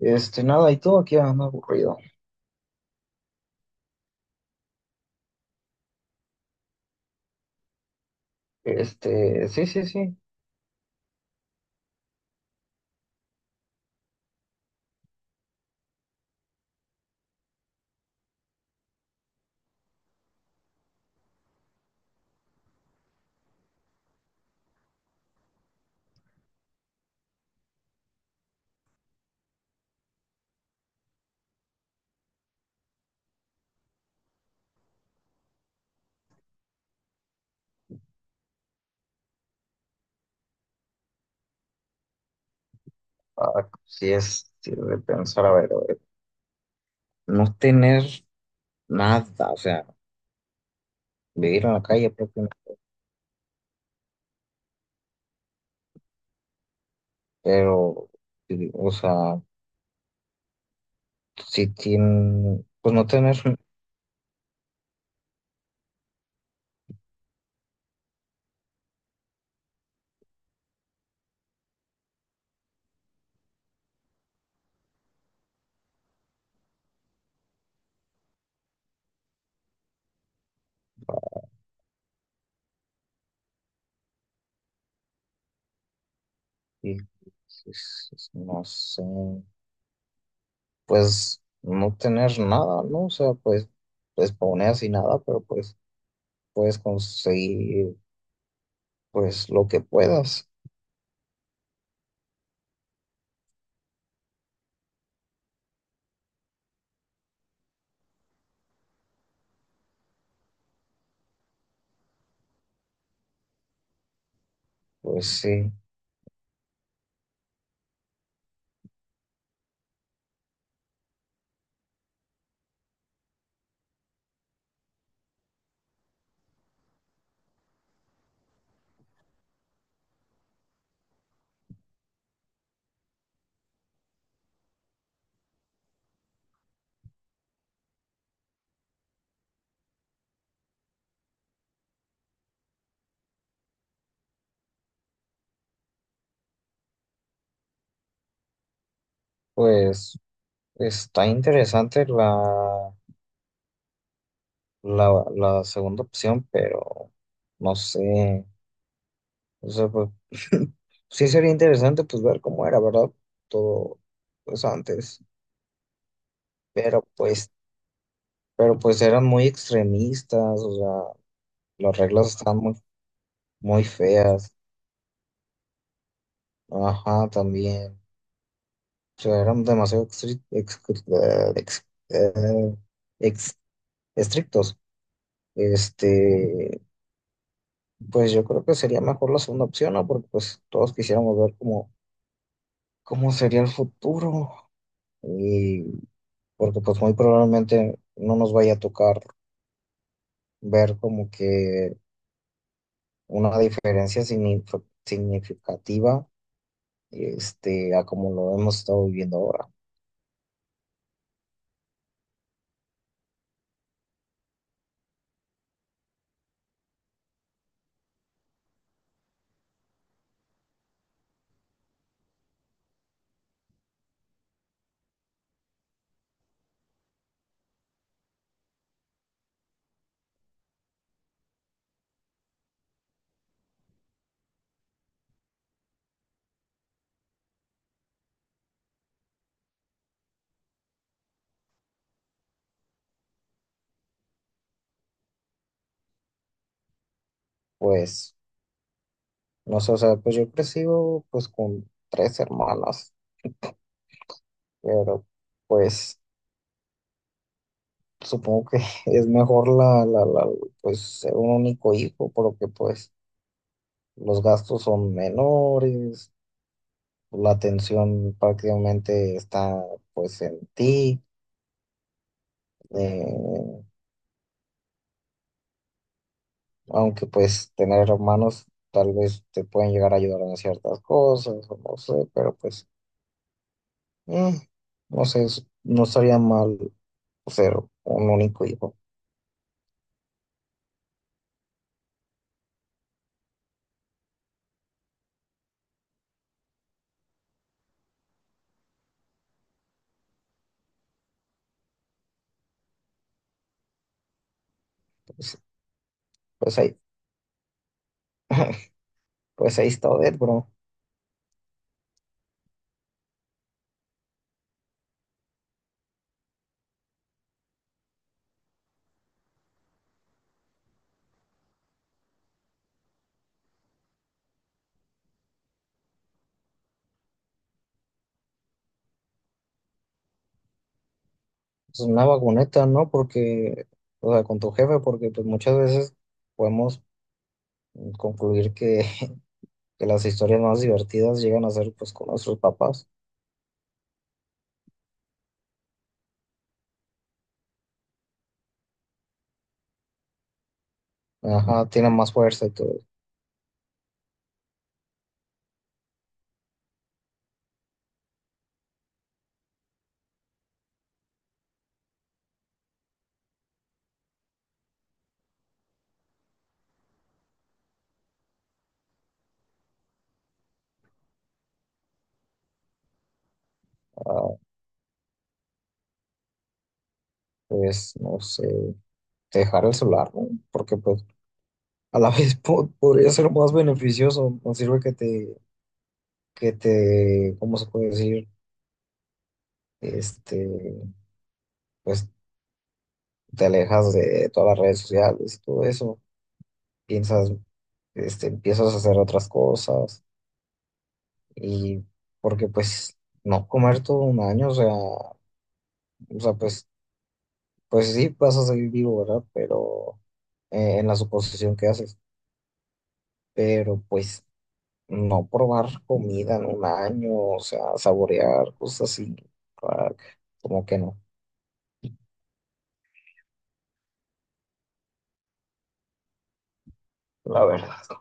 Nada, y todo aquí anda aburrido. Sí, sí, sí. Ah, sí es sí, de pensar, a ver, no tener nada, o sea, vivir en la calle propiamente, pero, sí, o sea, si tiene, pues no tener, y- sí, sí, sí, no sé, pues no tener nada, ¿no? O sea, pues, pues poner así nada, pero pues puedes conseguir, pues lo que puedas, pues sí, pues. Está interesante la segunda opción, pero no sé. O sea, pues, sí sería interesante pues ver cómo era, ¿verdad? Todo pues antes. Pero pues, pero pues eran muy extremistas, o sea, las reglas estaban muy, muy feas. Ajá, también. O sea, eran demasiado eh, ex- eh, ex- estrictos. Este, Pues yo creo que sería mejor la segunda opción, ¿no? Porque pues todos quisiéramos ver cómo, cómo sería el futuro y porque pues muy probablemente no nos vaya a tocar ver como que una diferencia significativa a como lo hemos estado viviendo ahora. Pues no sé, o sea, pues yo he crecido pues con tres hermanas, pero pues supongo que es mejor pues ser un único hijo, porque pues los gastos son menores, la atención prácticamente está pues en ti, eh, aunque pues tener hermanos tal vez te pueden llegar a ayudar en ciertas cosas, o no sé, pero pues mm, no sé, no estaría mal ser un único hijo, pues, pues ahí, pues ahí está Odette, bro. Es una vagoneta, ¿no? Porque, o sea, con tu jefe, porque pues muchas veces podemos concluir que las historias más divertidas llegan a ser pues con nuestros papás. Ajá, tienen más fuerza y todo. Ah, pues no sé, dejar el celular, ¿no? Porque pues a la vez po- podría ser más beneficioso. No sirve que te, ¿cómo se puede decir? Este, pues te alejas de todas las redes sociales y todo eso. Piensas, empiezas a hacer otras cosas y porque pues no comer todo un año, o sea, pues pues sí, vas a salir vivo, ¿verdad? Pero en la suposición que haces. Pero pues no probar comida en un año, o sea, saborear cosas así, ah, como que no, la verdad.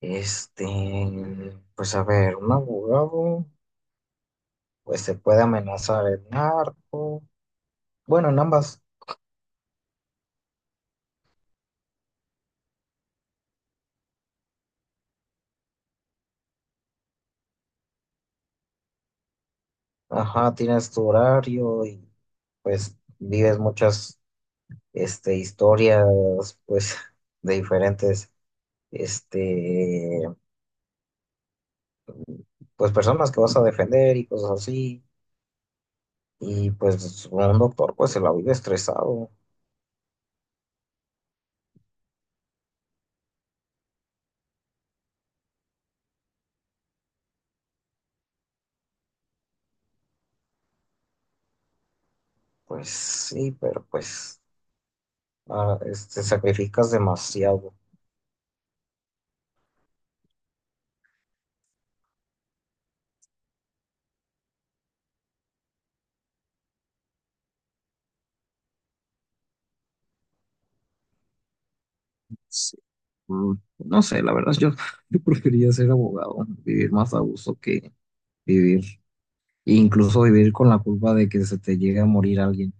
Este, pues a ver, un abogado, pues se puede amenazar el narco. Bueno, en ambas, ajá, tienes tu horario y pues vives muchas, historias, pues, de diferentes, este, pues personas que vas a defender y cosas así. Y pues un doctor pues se la vive estresado. Pues sí, pero pues ah, te sacrificas demasiado. Sí, mm, no sé, la verdad, yo preferiría ser abogado, vivir más a gusto que vivir, e incluso vivir con la culpa de que se te llegue a morir alguien.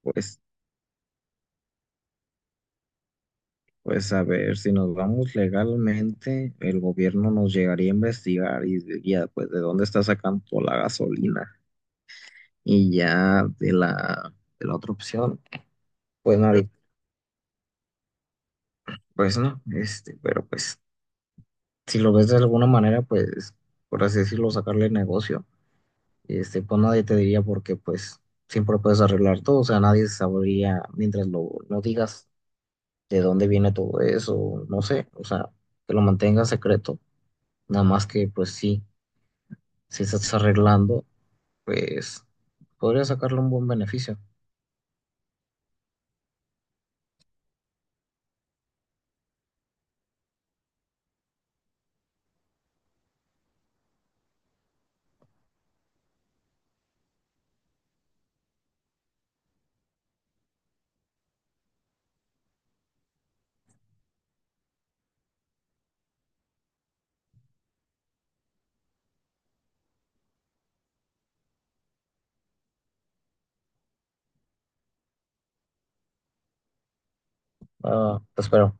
Pues, pues a ver, si nos vamos legalmente, el gobierno nos llegaría a investigar y diría, pues, ¿de dónde está sacando la gasolina? Y ya de la otra opción, pues nadie, pues no, pero pues si lo ves de alguna manera, pues por así decirlo, sacarle negocio, pues nadie te diría porque pues siempre puedes arreglar todo, o sea, nadie sabría mientras lo no digas de dónde viene todo eso, no sé, o sea, que lo mantengas secreto, nada más que pues sí, si estás arreglando, pues podría sacarle un buen beneficio. Ah, te espero.